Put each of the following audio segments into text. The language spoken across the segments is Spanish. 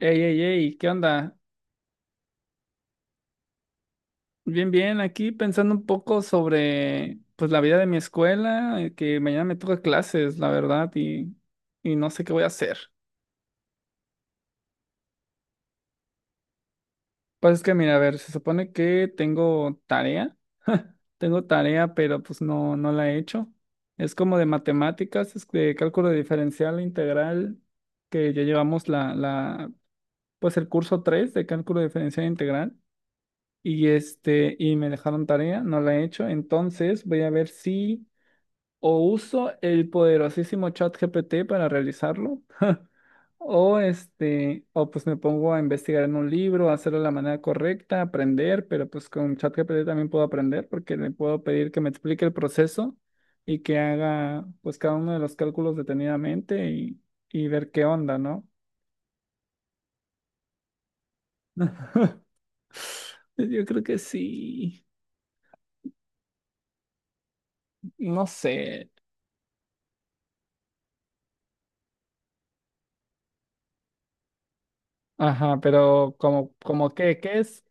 Ey, ey, ey, ¿qué onda? Bien, bien, aquí pensando un poco sobre pues la vida de mi escuela, que mañana me toca clases, la verdad, y no sé qué voy a hacer. Pues es que mira, a ver, se supone que tengo tarea, tengo tarea, pero pues no, no la he hecho. Es como de matemáticas, es de cálculo diferencial e integral, que ya llevamos pues el curso 3 de cálculo diferencial e integral. Y y me dejaron tarea, no la he hecho. Entonces voy a ver si o uso el poderosísimo chat GPT para realizarlo. O o pues me pongo a investigar en un libro, hacerlo de la manera correcta, aprender, pero pues con chat ChatGPT también puedo aprender porque le puedo pedir que me explique el proceso y que haga pues cada uno de los cálculos detenidamente y ver qué onda, ¿no? Yo creo que sí, no sé. Ajá, pero como, como que, ¿qué es?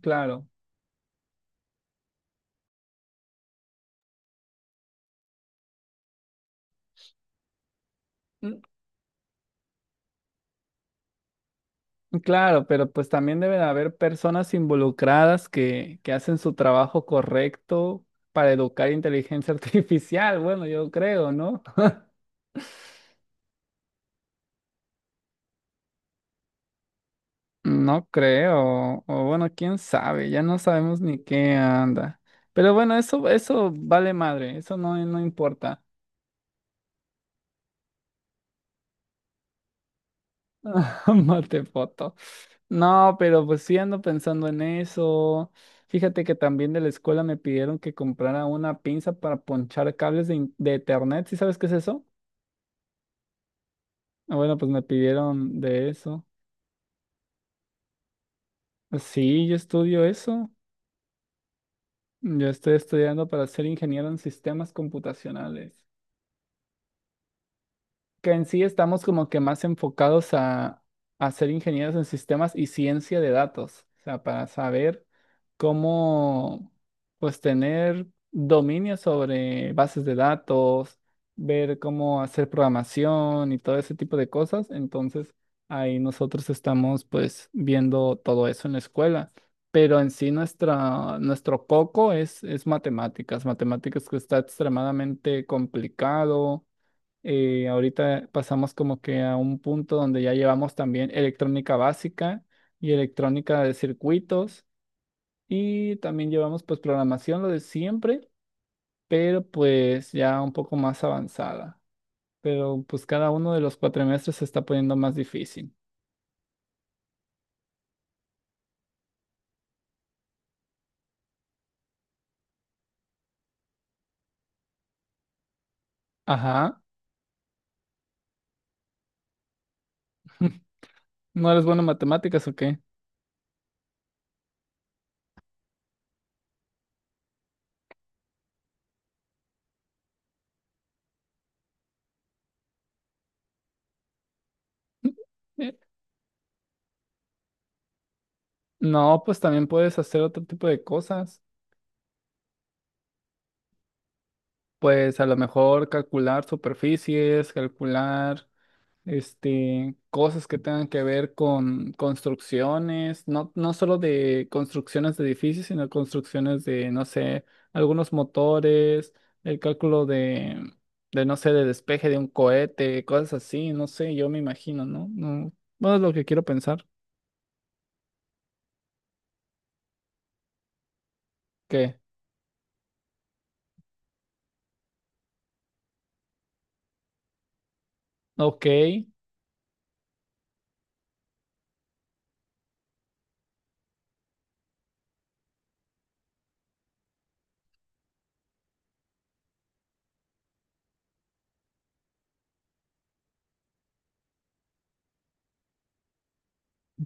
Claro, mm, claro, pero pues también deben haber personas involucradas que hacen su trabajo correcto para educar inteligencia artificial, bueno, yo creo, ¿no? No creo, o bueno, quién sabe, ya no sabemos ni qué anda. Pero bueno, eso vale madre, eso no, no importa. Mate foto. No, pero pues sí ando pensando en eso. Fíjate que también de la escuela me pidieron que comprara una pinza para ponchar cables de internet. ¿Sí sabes qué es eso? Ah, bueno, pues me pidieron de eso. Pues sí, yo estudio eso. Yo estoy estudiando para ser ingeniero en sistemas computacionales, que en sí estamos como que más enfocados a ser ingenieros en sistemas y ciencia de datos, o sea, para saber cómo, pues, tener dominio sobre bases de datos, ver cómo hacer programación y todo ese tipo de cosas. Entonces, ahí nosotros estamos, pues, viendo todo eso en la escuela. Pero en sí nuestro foco es matemáticas, matemáticas que está extremadamente complicado. Ahorita pasamos como que a un punto donde ya llevamos también electrónica básica y electrónica de circuitos, y también llevamos pues programación, lo de siempre, pero pues ya un poco más avanzada. Pero pues cada uno de los cuatrimestres se está poniendo más difícil. Ajá. ¿No eres bueno en matemáticas o qué? Eh, No, pues también puedes hacer otro tipo de cosas. Pues a lo mejor calcular superficies, calcular cosas que tengan que ver con construcciones, no, no solo de construcciones de edificios, sino construcciones de, no sé, algunos motores, el cálculo de, no sé, de despeje de un cohete, cosas así, no sé, yo me imagino, ¿no? No, bueno, es lo que quiero pensar, que, ok,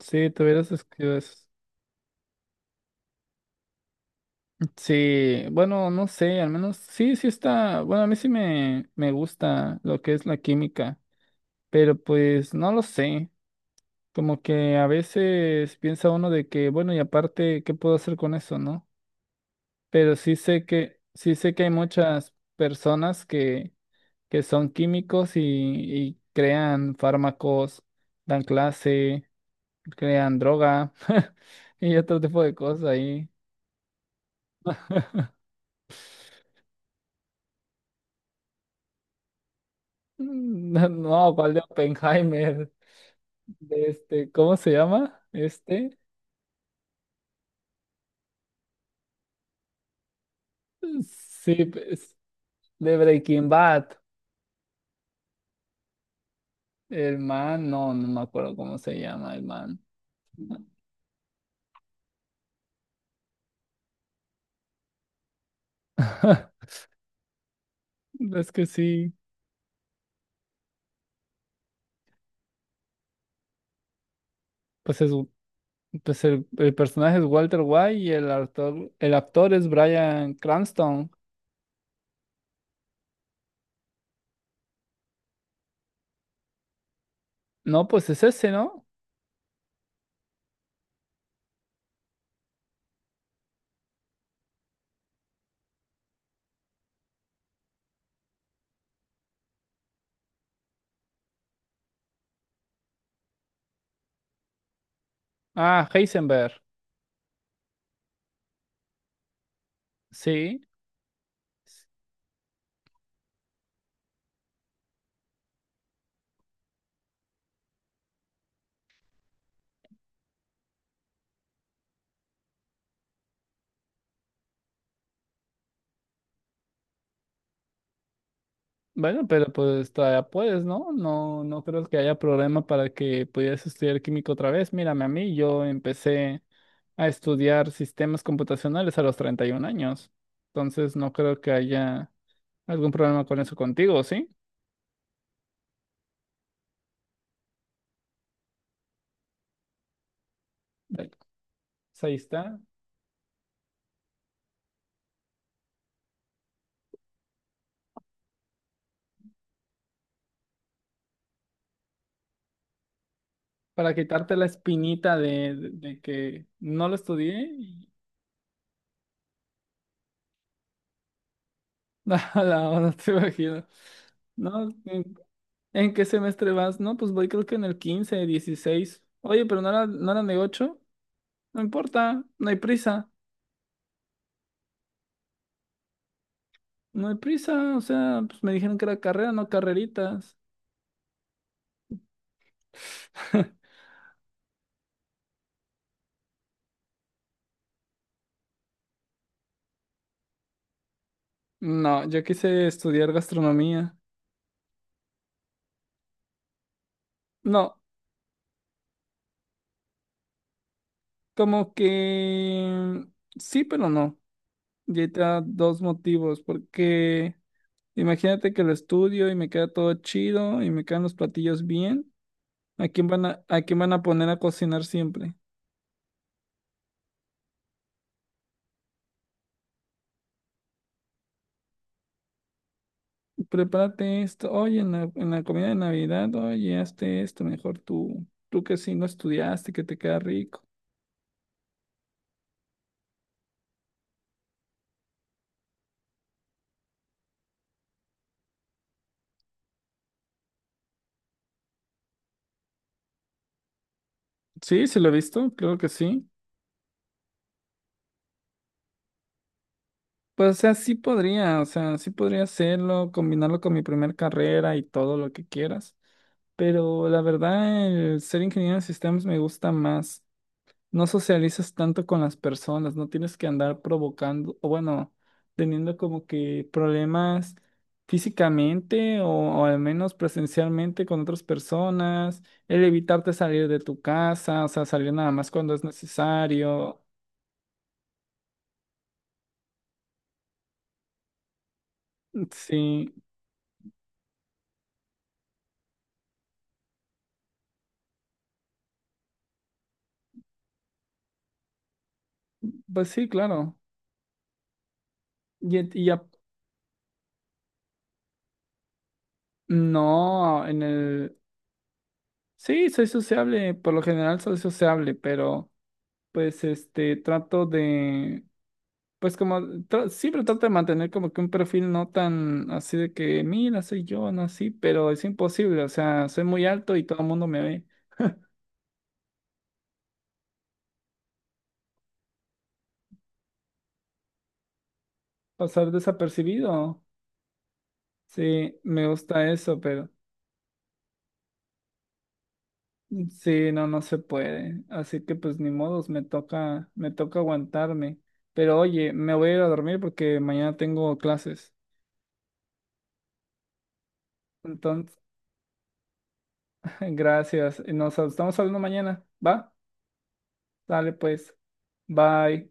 sí, tuvieras escrito eso. Sí, bueno, no sé, al menos sí, sí está, bueno, a mí sí me gusta lo que es la química, pero pues no lo sé. Como que a veces piensa uno de que, bueno, y aparte, ¿qué puedo hacer con eso, no? Pero sí sé que hay muchas personas que son químicos y crean fármacos, dan clase, crean droga y otro tipo de cosas ahí. No, no, ¿cuál de Oppenheimer? De ¿cómo se llama? Sí, pues, de Breaking Bad. El man, no, no me acuerdo cómo se llama el man. Es que sí, pues, es, pues el personaje es Walter White y el actor es Bryan Cranston. No, pues es ese, ¿no? Ah, Heisenberg. Sí. Bueno, pero pues todavía puedes, ¿no? No, no creo que haya problema para que pudieras estudiar química otra vez. Mírame a mí, yo empecé a estudiar sistemas computacionales a los 31 años. Entonces no creo que haya algún problema con eso contigo, ¿sí? Pues ahí está, para quitarte la espinita de que no lo estudié. Y- no, no, no te imagino. No, en qué semestre vas? No, pues voy creo que en el 15 dieciséis. Oye, pero no era, no eran de ocho. No importa, no hay prisa. No hay prisa, o sea, pues me dijeron que era carrera, no carreritas. No, yo quise estudiar gastronomía. No, como que sí, pero no. Y ahí te da dos motivos, porque imagínate que lo estudio y me queda todo chido y me quedan los platillos bien. ¿A quién van a quién van a poner a cocinar siempre? Prepárate esto, oye, en la comida de Navidad, oye, hazte esto, mejor tú, tú que sí no estudiaste, que te queda rico. Sí, sí lo he visto, claro que sí. Pues, o sea, sí podría, o sea, sí podría hacerlo, combinarlo con mi primer carrera y todo lo que quieras. Pero la verdad, el ser ingeniero de sistemas me gusta más. No socializas tanto con las personas, no tienes que andar provocando, o bueno, teniendo como que problemas físicamente o al menos presencialmente con otras personas, el evitarte salir de tu casa, o sea, salir nada más cuando es necesario. Sí, pues sí, claro. Y, y ya, no, en el, sí, soy sociable, por lo general soy sociable, pero pues trato de... Pues como siempre trato de mantener como que un perfil no tan así de que, mira, soy yo, no así, pero es imposible, o sea, soy muy alto y todo el mundo me ve. Pasar desapercibido. Sí, me gusta eso, pero sí, no, no se puede. Así que pues ni modos, me toca aguantarme. Pero oye, me voy a ir a dormir porque mañana tengo clases. Entonces, gracias. Nos estamos hablando mañana, ¿va? Dale pues. Bye.